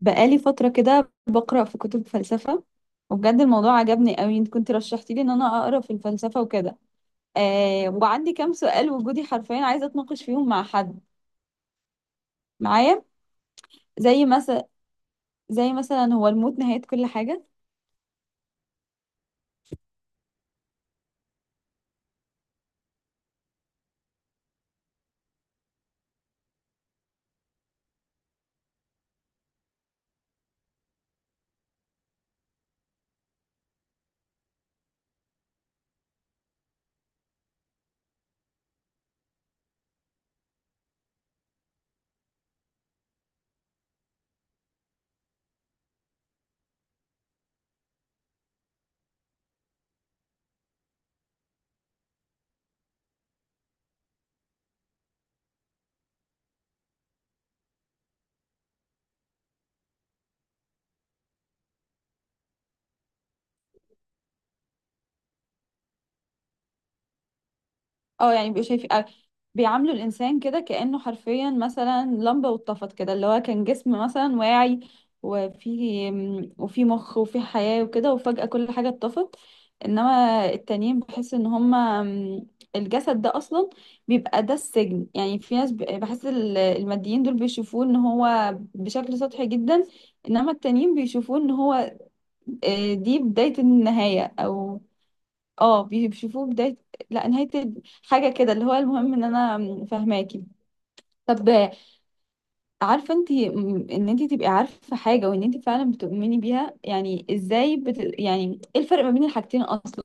بقالي فترة كده بقرأ في كتب فلسفة، وبجد الموضوع عجبني قوي. انت كنت رشحتي لي ان انا اقرا في الفلسفة وكده. آه، وعندي كام سؤال وجودي حرفيا عايزة اتناقش فيهم مع حد معايا. زي مثلا زي مثلا هو الموت نهاية كل حاجة؟ اه، يعني بيبقوا شايفين، بيعاملوا الانسان كده كانه حرفيا مثلا لمبه واتطفت كده، اللي هو كان جسم مثلا واعي، وفي وفي مخ وفي حياه وكده، وفجاه كل حاجه اتطفت. انما التانيين بحس ان هما، الجسد ده اصلا بيبقى ده السجن. يعني في ناس بحس الماديين دول بيشوفوه ان هو بشكل سطحي جدا، انما التانيين بيشوفوه ان هو، آه، دي بدايه النهايه، او اه بيشوفوه بداية لا نهاية حاجة كده. اللي هو المهم ان انا فاهماكي. طب، عارفة انت ان انت تبقي عارفة حاجة وان انت فعلا بتؤمني بيها، يعني ازاي يعني ايه الفرق ما بين الحاجتين اصلا؟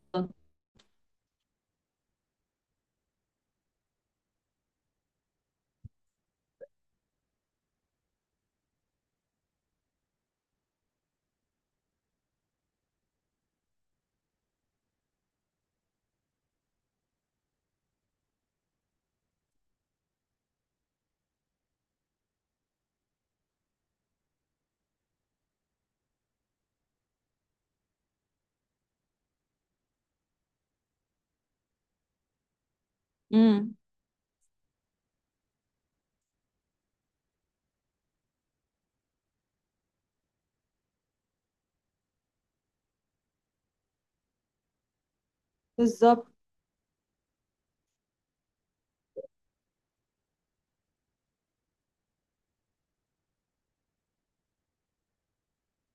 امم. بالظبط.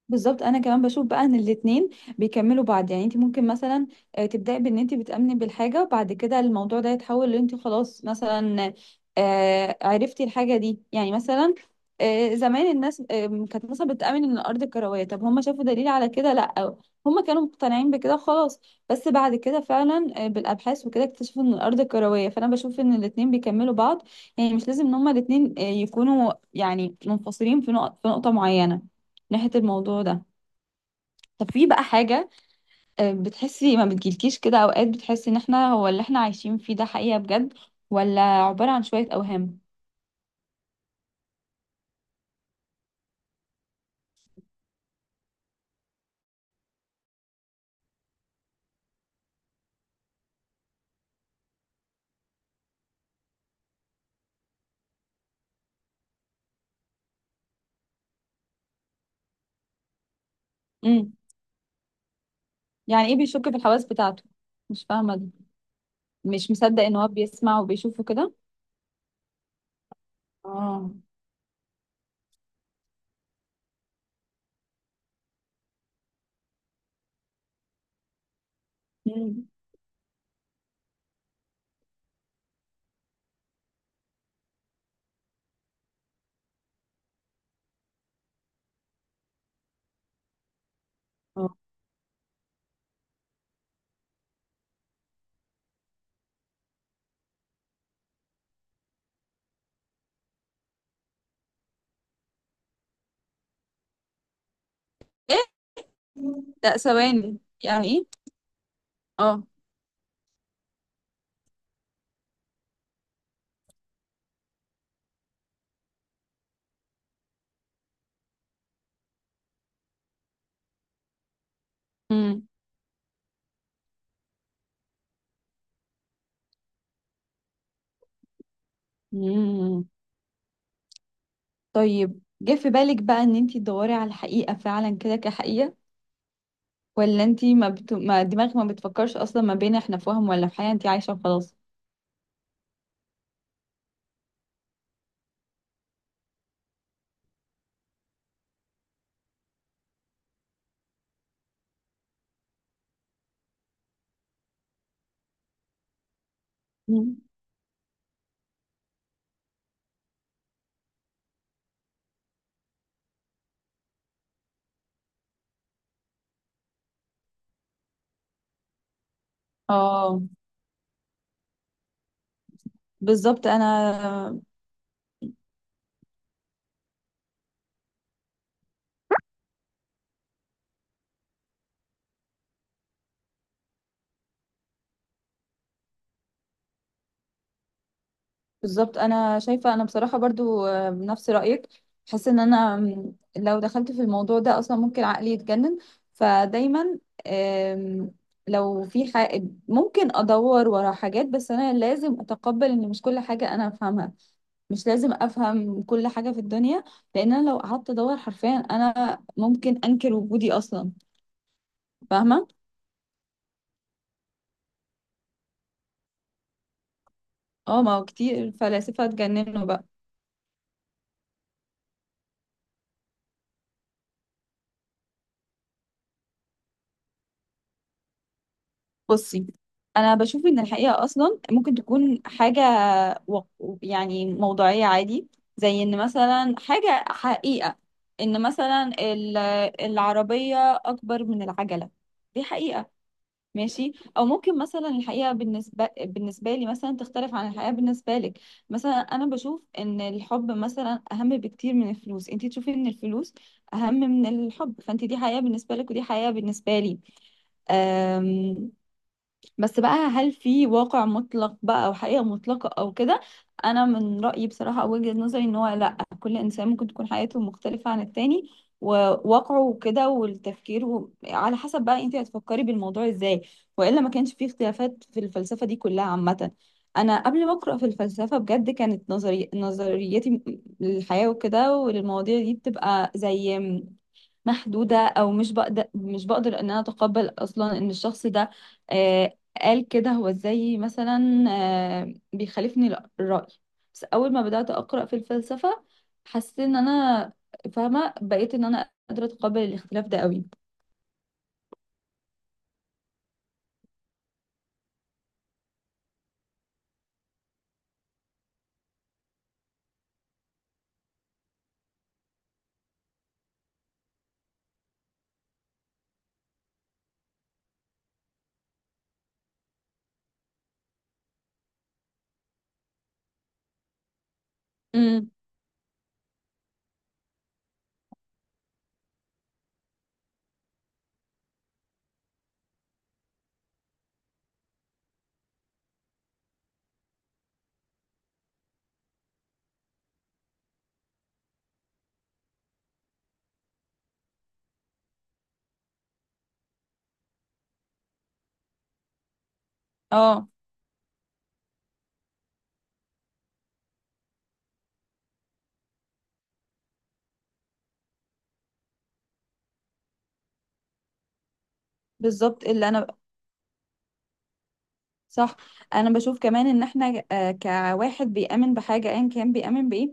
بالظبط انا كمان بشوف بقى ان الاتنين بيكملوا بعض. يعني انت ممكن مثلا، تبداي بان انت بتامني بالحاجه، وبعد كده الموضوع ده يتحول ان انت خلاص مثلا، عرفتي الحاجه دي. يعني مثلا، زمان الناس كانت مثلا بتامن ان الارض كرويه، طب هم شافوا دليل على كده؟ لا، هم كانوا مقتنعين بكده وخلاص. بس بعد كده فعلا بالابحاث وكده اكتشفوا ان الارض كرويه. فانا بشوف ان الاتنين بيكملوا بعض، يعني مش لازم ان هم الاتنين يكونوا يعني منفصلين في نقطه معينه ناحيه الموضوع ده. طب في بقى حاجة، بتحسي، ما بتجيلكيش كده أوقات بتحسي إن إحنا هو اللي إحنا عايشين فيه ده حقيقة بجد، ولا عبارة عن شوية أوهام؟ امم. يعني إيه بيشك في الحواس بتاعته؟ مش فاهمة دي. مش مصدق إن هو بيسمع وبيشوفه كده؟ اه. امم. آه. إيه؟ لا، ثواني، يعني إيه؟ آه. امم. امم. طيب، جه في بالك بقى إن أنتي تدوري على الحقيقة فعلا كده كحقيقة، ولا أنتي ما, ما دماغك ما بتفكرش أصلا ما بين إحنا في وهم ولا في حقيقة، أنتي عايشة وخلاص؟ اه. بالظبط انا بالظبط انا شايفه انا بصراحه برضو بنفس رايك. حاسه ان انا، لو دخلت في الموضوع ده اصلا ممكن عقلي يتجنن. فدايما، آم، لو في حاجة ممكن ادور ورا حاجات، بس انا لازم اتقبل ان مش كل حاجه انا افهمها. مش لازم افهم كل حاجه في الدنيا، لان انا لو قعدت ادور حرفيا انا ممكن انكر وجودي اصلا. فاهمه؟ اه، ما هو كتير فلاسفه اتجننوا بقى. بصي، انا بشوف ان الحقيقه اصلا ممكن تكون حاجه و... يعني موضوعيه عادي. زي ان مثلا حاجه حقيقه ان مثلا العربيه اكبر من العجله، دي حقيقه. ماشي، او ممكن مثلا الحقيقه بالنسبه لي مثلا تختلف عن الحقيقه بالنسبه لك. مثلا انا بشوف ان الحب مثلا اهم بكتير من الفلوس، انت تشوفي ان الفلوس اهم من الحب، فانت دي حقيقه بالنسبه لك ودي حقيقه بالنسبه لي. آمم. بس بقى، هل في واقع مطلق بقى، او حقيقة مطلقة او كده؟ انا من رأيي بصراحة او وجهة نظري ان هو لا، كل انسان ممكن تكون حياته مختلفة عن التاني، وواقعه وكده والتفكير على حسب بقى انت هتفكري بالموضوع ازاي، والا ما كانش فيه اختلافات في الفلسفة دي كلها عامة. انا قبل ما اقرا في الفلسفة بجد كانت نظريتي للحياة وكده وللمواضيع دي بتبقى زي محدودة، أو مش بقدر إن أنا أتقبل أصلا إن الشخص ده، آه، قال كده. هو إزاي مثلا بيخالفني الرأي؟ بس أول ما بدأت أقرأ في الفلسفة حسيت إن أنا فاهمة، بقيت إن أنا قادرة أتقبل الاختلاف ده قوي. امم. اه، بالظبط اللي أنا. صح. انا بشوف كمان ان احنا، كواحد بيؤمن بحاجه، ايا كان بيؤمن بايه،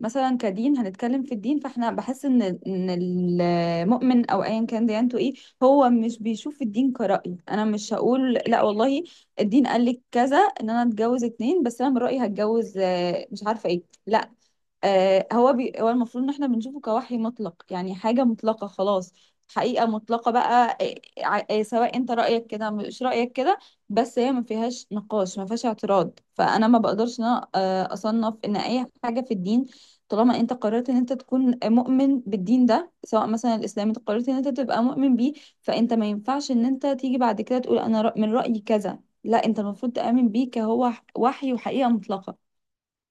مثلا كدين هنتكلم في الدين. فاحنا بحس ان ان المؤمن، او ايا كان ديانته ايه، هو مش بيشوف الدين كرأي. انا مش هقول لا والله، الدين قال لي كذا ان انا اتجوز اتنين، بس انا من رأيي هتجوز، مش عارفه ايه، لا. هو هو المفروض ان احنا بنشوفه كوحي مطلق، يعني حاجة مطلقة خلاص، حقيقة مطلقة بقى. سواء انت رأيك كده مش رأيك كده، بس هي ما فيهاش نقاش ما فيهاش اعتراض. فانا ما بقدرش ان انا اصنف ان اي حاجة في الدين طالما انت قررت ان انت تكون مؤمن بالدين ده، سواء مثلا الاسلام، انت قررت ان انت تبقى مؤمن بيه، فانت ما ينفعش ان انت تيجي بعد كده تقول انا من رأيي كذا. لا، انت المفروض تؤمن بيه كهو وحي وحقيقة مطلقة،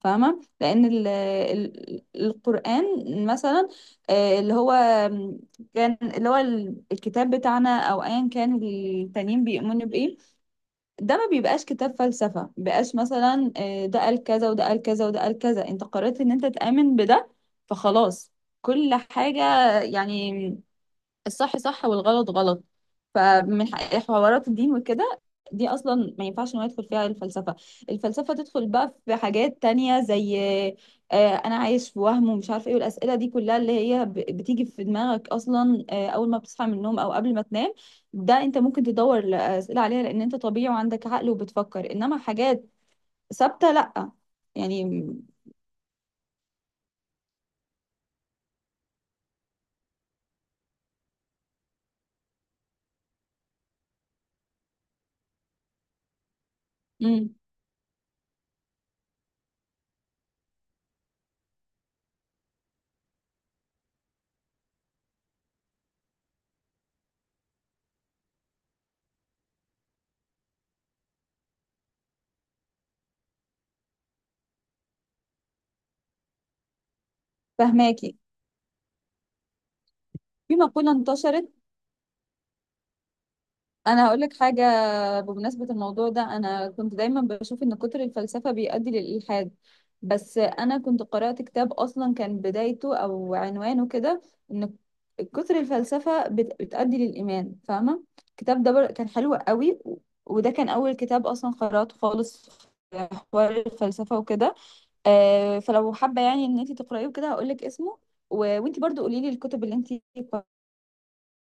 فاهمة؟ لأن ال ال القرآن مثلا، آه، اللي هو اللي هو الكتاب بتاعنا أو أيا كان التانيين بيؤمنوا بإيه، ده ما بيبقاش كتاب فلسفة، مبيبقاش مثلا ده قال كذا وده قال كذا وده قال كذا، أنت قررت إن أنت تآمن بده فخلاص. كل حاجة يعني الصح صح والغلط غلط. فمن حوارات الدين وكده، دي اصلا ما ينفعش ان هو يدخل فيها الفلسفه. الفلسفه تدخل بقى في حاجات تانية، زي انا عايش في وهم ومش عارف ايه، والاسئله دي كلها اللي هي بتيجي في دماغك اصلا اول ما بتصحى من النوم او قبل ما تنام. ده انت ممكن تدور الاسئله عليها، لان انت طبيعي وعندك عقل وبتفكر. انما حاجات ثابته لا. يعني. امم. فهماكي. في مقوله انتشرت. انا هقول لك حاجه بمناسبة الموضوع ده. أنا كنت دايما بشوف إن كتر الفلسفة بيؤدي للإلحاد، بس أنا كنت قرأت كتاب أصلا كان بدايته أو عنوانه كده، إن كتر الفلسفة بتؤدي للإيمان، فاهمة؟ الكتاب ده كان حلو قوي، وده كان أول كتاب أصلا قرأته خالص في حوار الفلسفة وكده. فلو حابة يعني إن أنت تقرأيه وكده هقولك اسمه، وأنت برضو قوليلي الكتب اللي أنت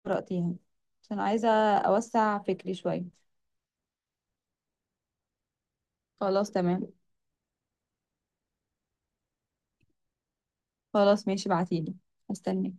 قرأتيها، عشان عايزة أوسع فكري شوية. خلاص، تمام. خلاص، ماشي، ابعتيلي، هستناك.